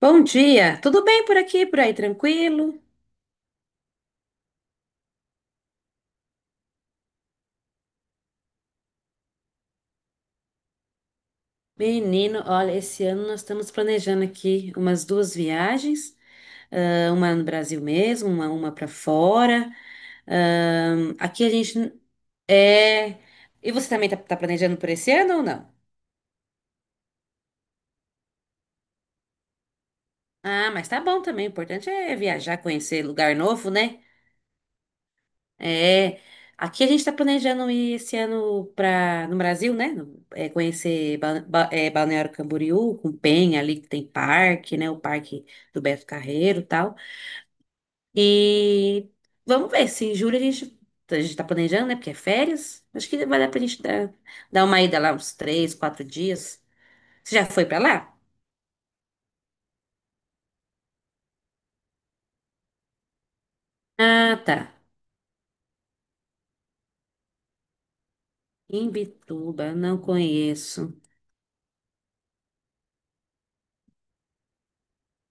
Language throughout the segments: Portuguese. Bom dia, tudo bem por aqui, por aí, tranquilo? Menino, olha, esse ano nós estamos planejando aqui umas duas viagens, uma no Brasil mesmo, uma para fora. Aqui a gente é. E você também tá planejando por esse ano ou não? Ah, mas tá bom também, o importante é viajar, conhecer lugar novo, né? É, aqui a gente está planejando ir esse ano para no Brasil, né? Conhecer Balneário Camboriú, com Penha ali que tem parque, né? O parque do Beto Carreiro, e tal. E vamos ver se em julho a gente está planejando, né? Porque é férias. Acho que vai dar para a gente dar uma ida lá uns três, quatro dias. Você já foi para lá? Ah, tá. Imbituba, não conheço.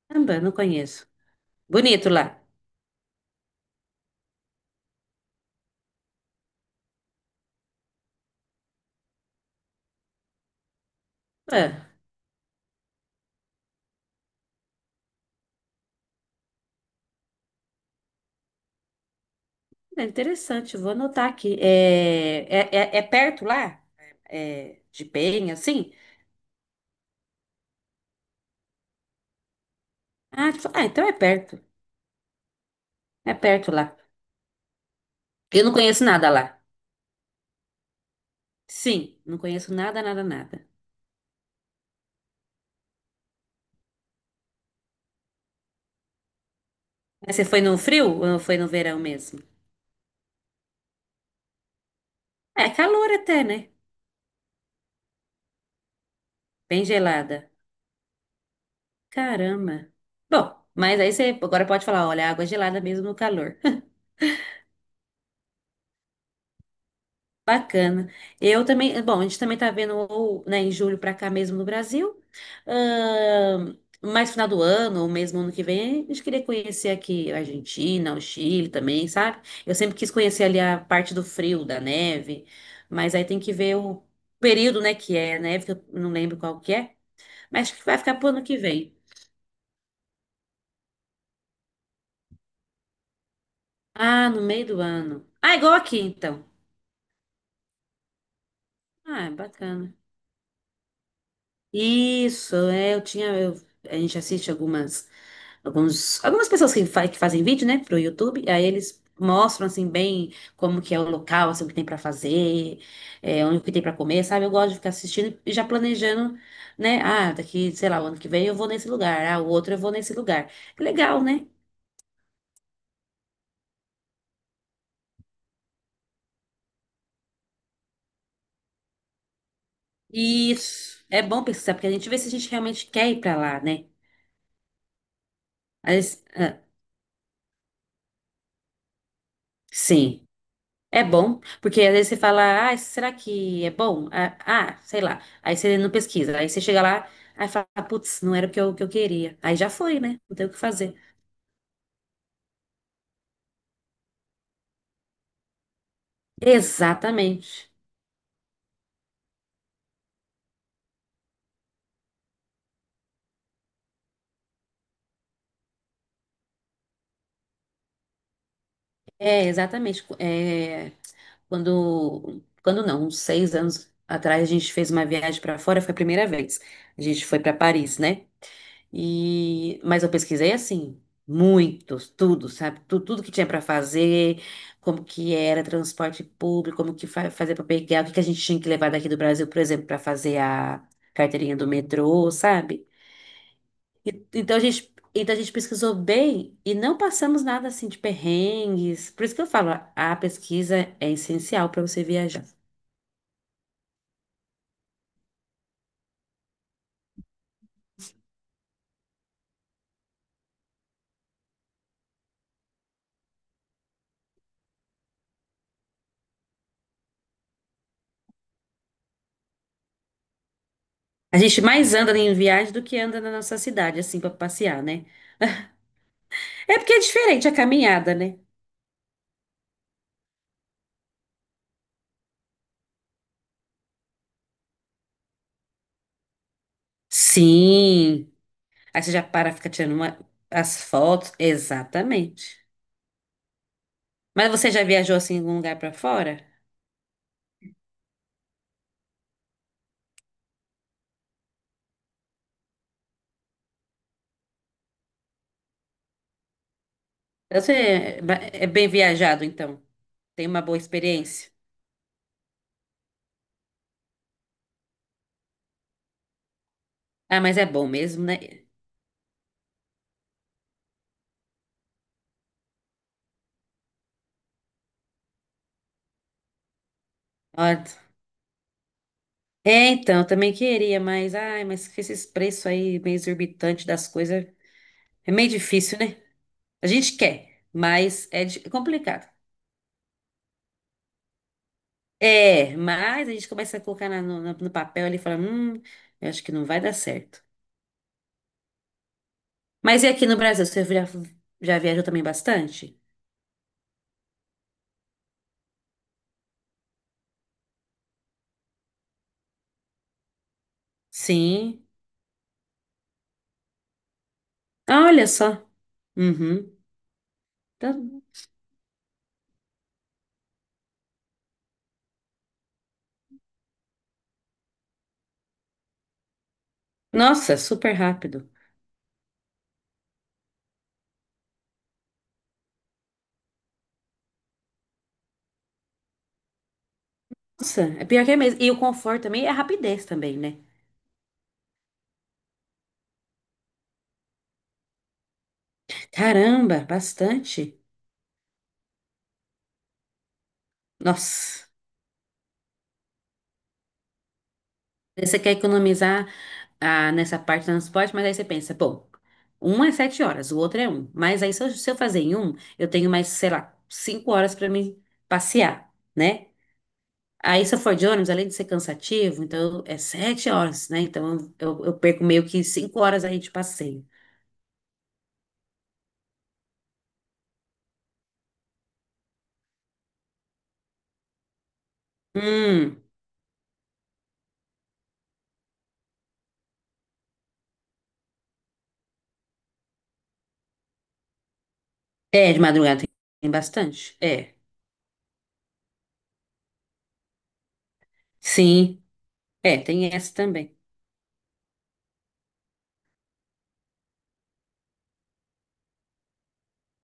Caramba, não conheço. Bonito lá. É interessante, vou anotar aqui. É perto lá? É, de Penha, assim? Ah, então é perto. É perto lá. Eu não conheço nada lá. Sim, não conheço nada, nada, nada. Mas você foi no frio ou foi no verão mesmo? É calor até, né? Bem gelada. Caramba. Bom, mas aí você agora pode falar, olha, água gelada mesmo no calor. Bacana. Eu também, bom, a gente também tá vendo, ou, né, em julho para cá mesmo no Brasil. Mais final do ano, ou mesmo ano que vem, a gente queria conhecer aqui a Argentina, o Chile também, sabe? Eu sempre quis conhecer ali a parte do frio, da neve, mas aí tem que ver o período, né, que é a neve, que eu não lembro qual que é, mas acho que vai ficar pro ano que vem. Ah, no meio do ano. Ah, igual aqui, então. Ah, bacana. Isso, é, eu tinha, eu- a gente assiste algumas pessoas que, que fazem vídeo, né, pro YouTube, aí eles mostram, assim, bem como que é o local, assim, o que tem para fazer, onde que tem para comer, sabe? Eu gosto de ficar assistindo e já planejando, né? Ah, daqui, sei lá, o ano que vem eu vou nesse lugar, ah, o outro eu vou nesse lugar. Legal, né? Isso é bom pesquisar, porque a gente vê se a gente realmente quer ir para lá, né? Mas, sim. É bom, porque às vezes você fala, ah, será que é bom? Sei lá. Aí você não pesquisa. Aí você chega lá, aí fala, putz, não era o que eu queria. Aí já foi, né? Não tem o que fazer. Exatamente. É, exatamente. É, quando não, uns 6 anos atrás, a gente fez uma viagem para fora, foi a primeira vez. A gente foi para Paris, né? Mas eu pesquisei assim, muitos, tudo, sabe? Tudo, que tinha para fazer, como que era transporte público, como que fa fazer para pegar, o que que a gente tinha que levar daqui do Brasil, por exemplo, para fazer a carteirinha do metrô, sabe? Então a gente pesquisou bem e não passamos nada assim de perrengues. Por isso que eu falo, a pesquisa é essencial para você viajar. A gente mais anda em viagem do que anda na nossa cidade, assim, para passear, né? É porque é diferente a caminhada, né? Sim. Aí você já para, fica tirando as fotos. Exatamente. Mas você já viajou assim em algum lugar pra fora? Você é bem viajado, então. Tem uma boa experiência. Ah, mas é bom mesmo, né? Ó, é, então, eu também queria, mas ai, mas com esses preços aí meio exorbitantes das coisas, é meio difícil, né? A gente quer, mas é complicado. É, mas a gente começa a colocar no papel ali e fala, eu acho que não vai dar certo. Mas e aqui no Brasil, você já viajou também bastante? Sim. Ah, olha só. Uhum. Então. Nossa, super rápido. Nossa, é pior que é mesmo. E o conforto também é a rapidez também, né? Caramba, bastante. Nossa. Aí você quer economizar, nessa parte do transporte, mas aí você pensa, pô, um é 7 horas, o outro é um. Mas aí se eu fazer em um, eu tenho mais, sei lá, 5 horas para me passear, né? Aí, se eu for de ônibus, além de ser cansativo, então é 7 horas, né? Então eu perco meio que 5 horas aí de passeio. Hum, É, de madrugada tem bastante. É, sim, é, tem essa também.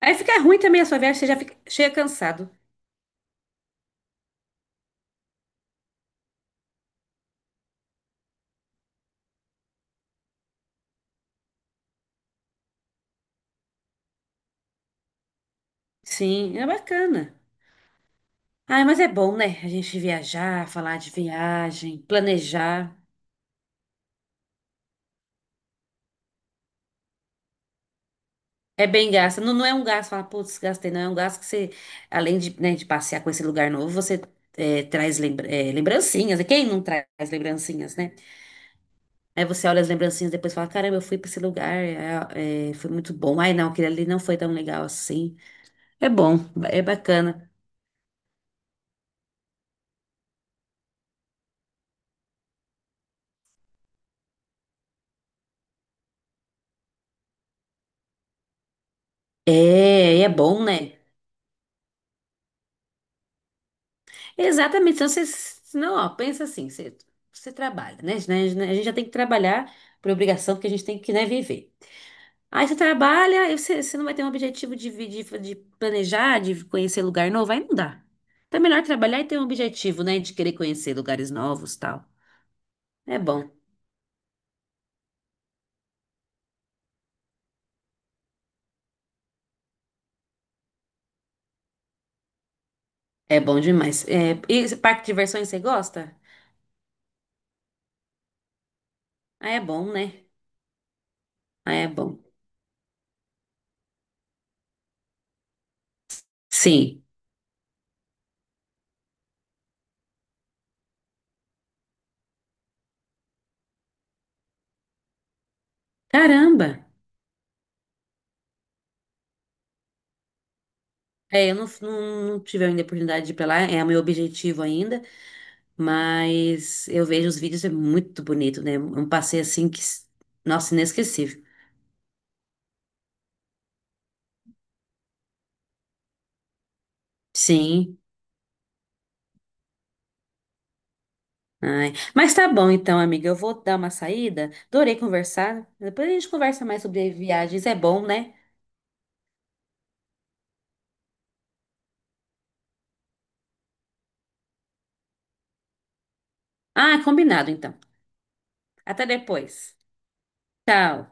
Aí fica ruim também a sua viagem, você já fica, chega cansado. Sim, é bacana. Ai, mas é bom, né? A gente viajar, falar de viagem, planejar. É bem gasto. Não, não é um gasto, fala, putz, gastei. Não, é um gasto que você, além de, né, de passear com esse lugar novo, você traz lembrancinhas. E quem não traz lembrancinhas, né? Aí você olha as lembrancinhas e depois fala, caramba, eu fui pra esse lugar, foi muito bom. Ai, não, aquele ali não foi tão legal assim. É bom, é bacana. É, e é bom, né? Exatamente. Então, você, não, ó, pensa assim, você trabalha, né? A gente né, a gente já tem que trabalhar por obrigação, porque a gente tem que, né, viver. Aí você, trabalha, e você não vai ter um objetivo de planejar, de conhecer lugar novo, aí não dá. Então é melhor trabalhar e ter um objetivo, né? De querer conhecer lugares novos, tal. É bom. É bom demais. É, e esse parque de diversões você gosta? Ah, é bom, né? Ah, é bom. Sim. Caramba! É, eu não tive ainda a oportunidade de ir pra lá, é o meu objetivo ainda, mas eu vejo os vídeos, é muito bonito, né? É um passeio assim que, nossa, inesquecível. Sim. Ai, mas tá bom então, amiga. Eu vou dar uma saída. Adorei conversar. Depois a gente conversa mais sobre viagens. É bom, né? Ah, combinado então. Até depois. Tchau.